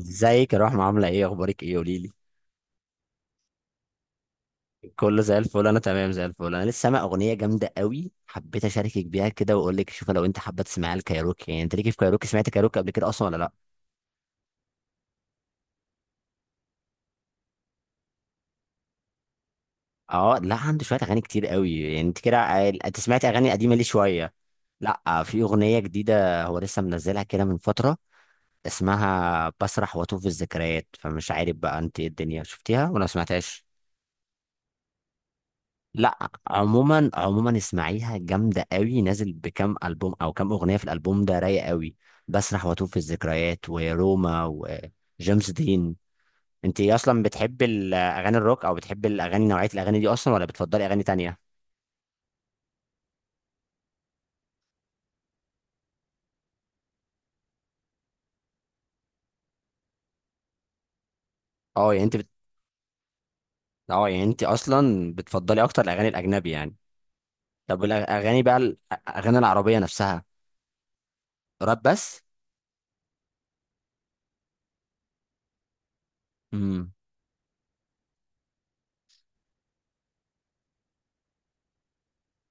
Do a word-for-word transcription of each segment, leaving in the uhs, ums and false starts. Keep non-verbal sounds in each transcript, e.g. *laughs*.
ازيك يا رحمة، عاملة ايه؟ اخبارك ايه قوليلي. كله زي الفل، انا تمام زي الفل. انا لسه سامع اغنية جامدة قوي، حبيت اشاركك بيها كده واقول لك شوف، لو انت حابة تسمعيها الكايروكي. يعني انت ليكي في كايروكي؟ سمعت كايروكي قبل كده اصلا ولا لا؟ اه لا، عنده شوية اغاني كتير قوي. يعني انت كده عال- انت سمعت اغاني قديمة ليه شوية. لا، في اغنية جديدة هو لسه منزلها كده من فترة، اسمها بسرح واتوه في الذكريات. فمش عارف بقى انت ايه الدنيا، شفتيها ولا ما سمعتهاش؟ لا عموما عموما اسمعيها جامده قوي. نازل بكام البوم او كام اغنيه في الالبوم ده رايق قوي: بسرح واتوه في الذكريات، وروما، وجيمس دين. انت اصلا بتحب الاغاني الروك، او بتحب الاغاني نوعيه الاغاني دي اصلا، ولا بتفضلي اغاني تانية؟ اه، يعني انت بت... اه، يعني انت اصلا بتفضلي اكتر الاغاني الاجنبي يعني. طب الاغاني بقى، الاغاني العربيه نفسها؟ راب بس؟ امم.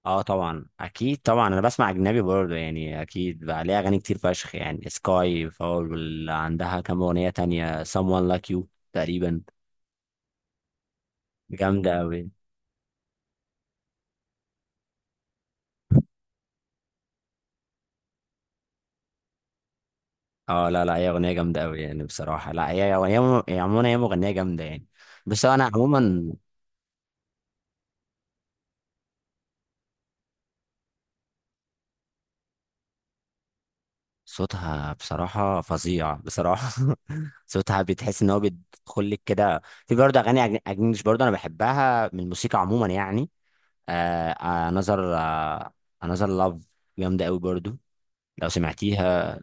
اه طبعا، اكيد طبعا، انا بسمع اجنبي برضه. يعني اكيد بقى ليها اغاني كتير فشخ، يعني سكاي فاول، واللي عندها كام اغنيه تانية، someone like you تقريبا. جامده قوي. اه لا لا، هي اغنيه جامده قوي يعني بصراحه. لا هي هي هي عموما هي مغنيه جامده يعني. بس انا عموما صوتها بصراحه فظيع بصراحه. *laughs* صوتها بتحس ان هو بيدخل لك كده. في برضه اغاني أجن- اجنبي برضه انا بحبها، من الموسيقى عموما يعني. آه، انذر، انذر لاف، جامده قوي برضو لو سمعتيها.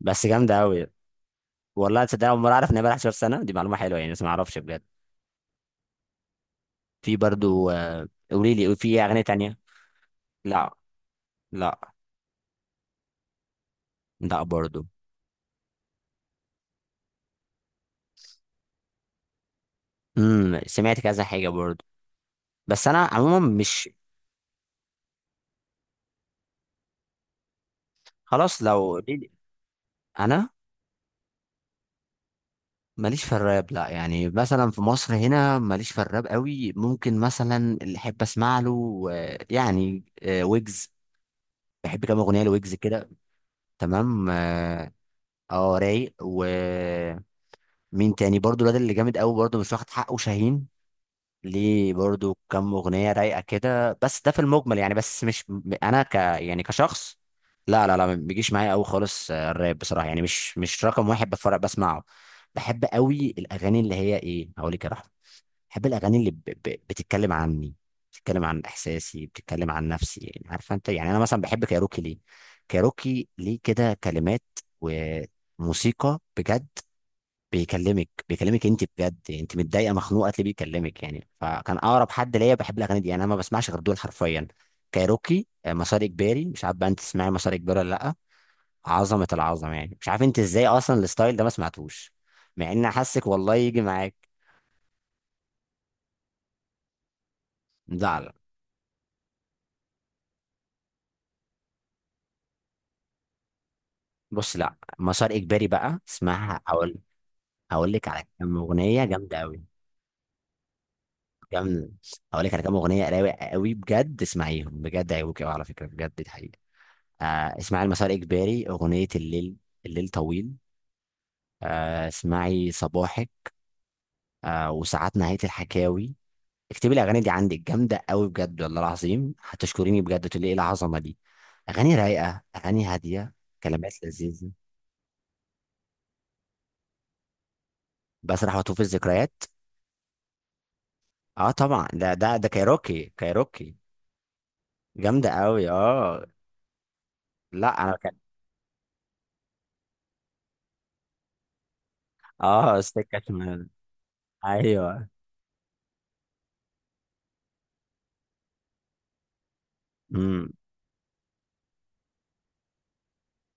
بس جامده قوي. والله تصدق أول مرة أعرف إن هي بقى 11 سنة، دي معلومة حلوة يعني بس ما أعرفش بجد. في برضو آه، قولي لي في أغنية تانية. لا، لا، لا برضو. امم، سمعت كذا حاجة برضو بس أنا عموما مش. خلاص لو قولي لي. أنا ماليش في الراب، لا. يعني مثلا في مصر هنا ماليش في الراب قوي. ممكن مثلا اللي أحب أسمع له آه، يعني آه، ويجز. بحب كام أغنية لويجز كده. تمام اه. آه، رايق. ومين تاني برضو؟ الواد اللي جامد قوي برضو مش واخد حقه، شاهين. ليه برضو كام اغنيه رايقه كده، بس ده في المجمل يعني بس مش. انا ك يعني كشخص، لا لا لا، ما بيجيش معايا قوي خالص. آه، الراب بصراحه يعني مش، مش رقم واحد بتفرج بسمعه. بحب قوي الاغاني اللي هي ايه هقول لك يا رحمة. بحب الاغاني اللي ب... ب... بتتكلم عني، بتتكلم عن احساسي، بتتكلم عن نفسي. يعني عارفه انت، يعني انا مثلا بحب كايروكي ليه؟ كايروكي ليه كده كلمات وموسيقى بجد. بيكلمك بيكلمك انت بجد. انت متضايقه مخنوقه تلاقيه بيكلمك، يعني فكان اقرب حد ليا. بحب الاغاني دي، يعني انا ما بسمعش غير دول حرفيا: كايروكي، آه، مسار اجباري. مش عارف بقى انت تسمعي مسار اجباري ولا لا؟ عظمه، العظمه يعني. مش عارف انت ازاي اصلا الستايل ده ما سمعتوش، مع ان حاسك والله يجي معاك. لا لا. بص، لا مسار اجباري بقى اسمعها. هقول، هقول لك على كام اغنيه جامده قوي. جامده. هقول لك على كام اغنيه رايقه قوي بجد، اسمعيهم بجد هيعجبوك قوي على فكره، بجد دي حقيقه. آه اسمعي المسار اجباري، اغنيه الليل. الليل طويل. آه اسمعي صباحك. آه، وساعات نهايه الحكاوي. اكتبي الاغاني دي عندك، جامده قوي بجد، والله العظيم هتشكريني بجد، تقولي ايه العظمه دي. اغاني رايقه، اغاني هاديه، كلمات لذيذه، بسرح واتوه في الذكريات. اه طبعا، ده ده ده كايروكي، كايروكي. جامدة قوي اه. لا انا كان. اه، سكة شمال. ايوه. امم.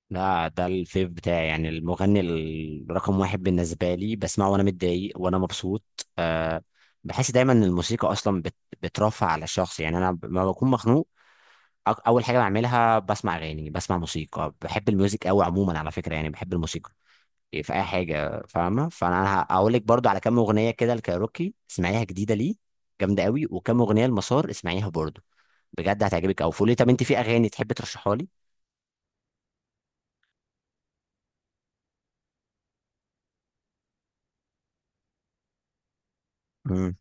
لا، ده الفيف بتاعي، يعني المغني الرقم واحد بالنسبة لي. بسمعه وانا متضايق وانا مبسوط. أه، بحس دايما ان الموسيقى اصلا بت... بترفع على الشخص. يعني انا لما بكون مخنوق أك- اول حاجة بعملها بسمع اغاني، بسمع موسيقى. بحب الميوزك قوي عموما على فكرة، يعني بحب الموسيقى. إيه، في اي حاجة فاهمة؟ فانا هقول لك برضو على كام اغنية كده، الكايروكي اسمعيها جديدة ليه جامدة قوي، وكام اغنية المسار اسمعيها برضو، بجد هتعجبك قوي. فقولي، طب انت في اغاني تحب ترشحها لي؟ مم.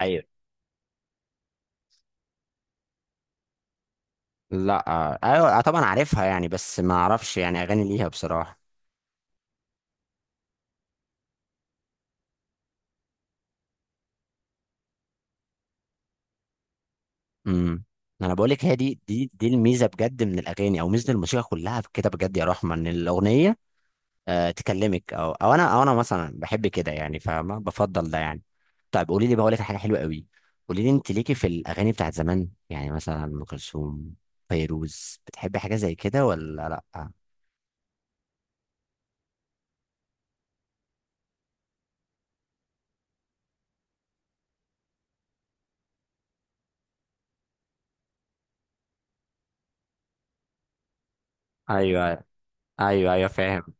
ايوه. لا آه، ايوه آه، طبعا عارفها يعني، بس ما اعرفش يعني اغاني ليها بصراحه. امم. انا بقول لك، هي دي دي دي الميزه بجد من الاغاني، او ميزه الموسيقى كلها كده بجد يا رحمه، ان الاغنيه آه تكلمك، او او انا او انا مثلا بحب كده يعني، فاهمه؟ بفضل ده يعني. طيب قولي لي بقى، اقول لك حاجه حلوه قوي. قولي لي انت ليكي في الاغاني بتاعت زمان؟ يعني مثلا ام كلثوم، فيروز، بتحبي حاجه زي كده ولا لا؟ ايوه، ايوه ايوه فاهم.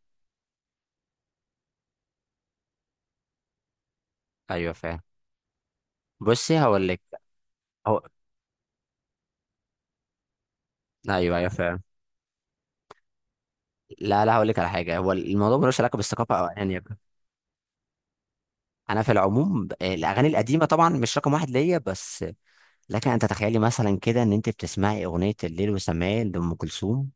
ايوه فاهم. بصي هقول لك. هو، ايوه ايوه فاهم. لا لا، هقول لك على حاجه، هو الموضوع ملوش علاقه بالثقافه او ايا يكن. انا في العموم ب- الاغاني القديمه طبعا مش رقم واحد ليا بس، لكن انت تخيلي مثلا كده، ان انت بتسمعي اغنيه الليل وسماه لام كلثوم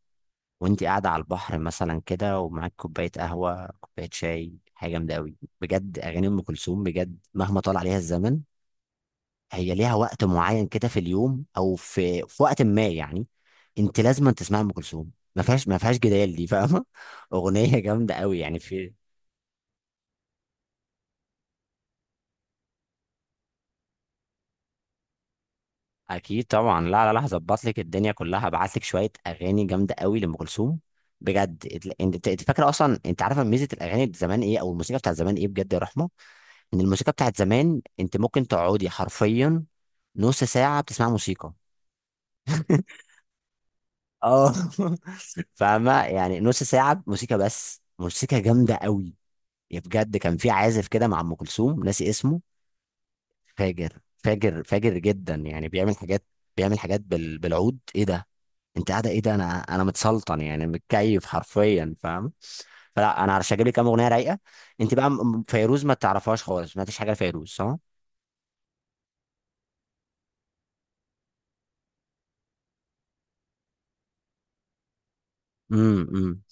وانت قاعده على البحر مثلا كده، ومعاك كوبايه قهوه، كوبايه شاي، حاجه جامده قوي بجد. اغاني ام كلثوم بجد مهما طال عليها الزمن، هي ليها وقت معين كده في اليوم او في في وقت ما يعني. انت لازم تسمع ام كلثوم. ما فيهاش ما فيهاش جدال دي، فاهمه؟ *laughs* اغنيه جامده قوي يعني. في، اكيد طبعا، لا لا لا، هظبط لك الدنيا كلها. هبعت لك شويه اغاني جامده قوي لام كلثوم بجد. اتل- انت، انت فاكره اصلا، انت عارفه ميزه الاغاني بتاع زمان ايه، او الموسيقى بتاعت زمان ايه بجد يا رحمه؟ ان الموسيقى بتاعت زمان انت ممكن تقعدي حرفيا نص ساعه بتسمعي موسيقى. *laughs* اه. *laughs* فاهمة؟ يعني نص ساعة موسيقى بس، موسيقى جامدة قوي يا بجد. كان في عازف كده مع أم كلثوم ناسي اسمه، فاجر فاجر فاجر جدا يعني. بيعمل حاجات، بيعمل حاجات بال... بالعود، ايه ده؟ انت قاعدة ايه ده، انا انا متسلطن يعني، متكيف حرفيا، فاهم؟ فلا انا هرشجع لي كام اغنية رايقة. انت بقى م- م- فيروز ما تعرفهاش خالص، ما سمعتش حاجة لفيروز صح؟ امم امم.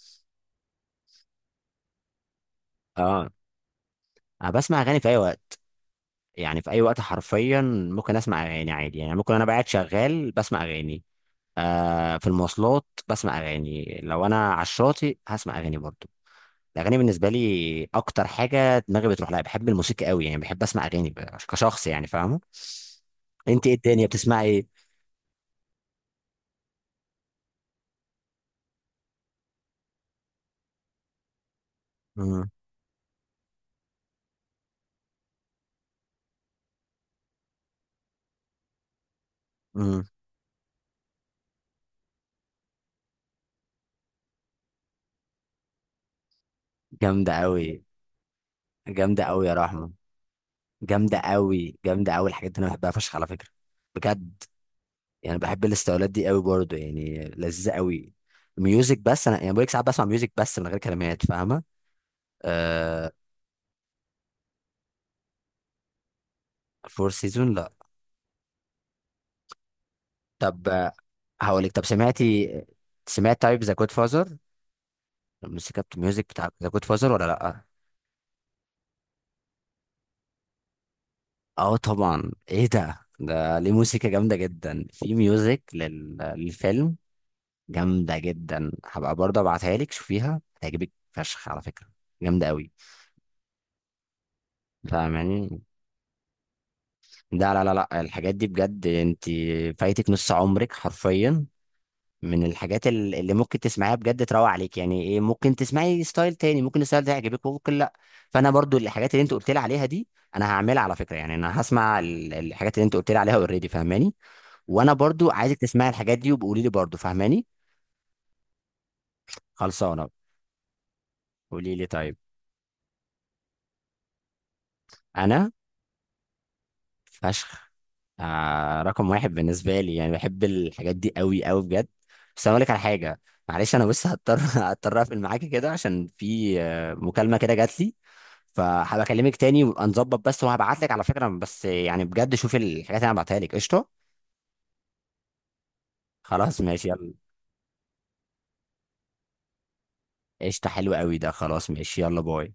اه، انا بسمع اغاني في اي وقت، يعني في اي وقت حرفيا. ممكن اسمع اغاني عادي، يعني ممكن انا قاعد شغال بسمع اغاني، آه في المواصلات بسمع اغاني، لو انا على الشاطئ هسمع اغاني برضو. الاغاني بالنسبه لي اكتر حاجه دماغي بتروح لها. بحب الموسيقى قوي يعني، بحب اسمع اغاني ب- كشخص يعني، فاهمه؟ انت ايه الدنيا بتسمعي ايه؟ امم امم. جامده قوي. جامده قوي يا رحمه. جامده قوي، جامده قوي الحاجات دي انا بحبها فشخ على فكره، بجد. يعني بحب الاستولات دي قوي برضو، يعني لذيذه قوي، ميوزك بس. انا يعني بقولك، ساعات بسمع ميوزك بس من غير كلمات، فاهمه؟ آه. فور سيزون، لا. طب آه، هقولك، طب سمعتي، سمعت طيب ذا جود فازر؟ الموسيقى بت- الميوزك بتاع ذا جود فازر ولا لا؟ اه طبعا ايه ده ده ليه موسيقى جامده جدا، في ميوزك لل... للفيلم جامده جدا. هبقى برضه ابعتها لك، شوفيها هتعجبك فشخ على فكره، جامده قوي. فاهماني؟ لا لا لا لا، الحاجات دي بجد انت فايتك نص عمرك حرفيا، من الحاجات ال- اللي ممكن تسمعيها بجد تروق عليك، يعني ايه ممكن تسمعي ستايل تاني، ممكن الستايل ده يعجبك وممكن لا. فانا برضو الحاجات اللي انت قلت لي عليها دي، انا هعملها على فكره، يعني انا هسمع ال- الحاجات اللي انت قلت لي عليها اوريدي، فاهماني؟ وانا برضو عايزك تسمعي الحاجات دي وبقولي لي برضو، فاهماني؟ خلصانه. قولي لي طيب. انا فشخ، آه رقم واحد بالنسبة لي يعني، بحب الحاجات دي قوي قوي بجد. بس أنا أقول لك على حاجة، معلش أنا بس هضطر *laughs* هضطر أقفل معاك كده، عشان في آه، مكالمة كده جات لي، فهبقى أكلمك تاني وابقى نظبط، بس وهبعت لك على فكرة بس، يعني بجد شوف الحاجات اللي أنا بعتها لك قشطة. خلاص ماشي يلا، قشطة حلو قوي ده، خلاص ماشي يلا، باي.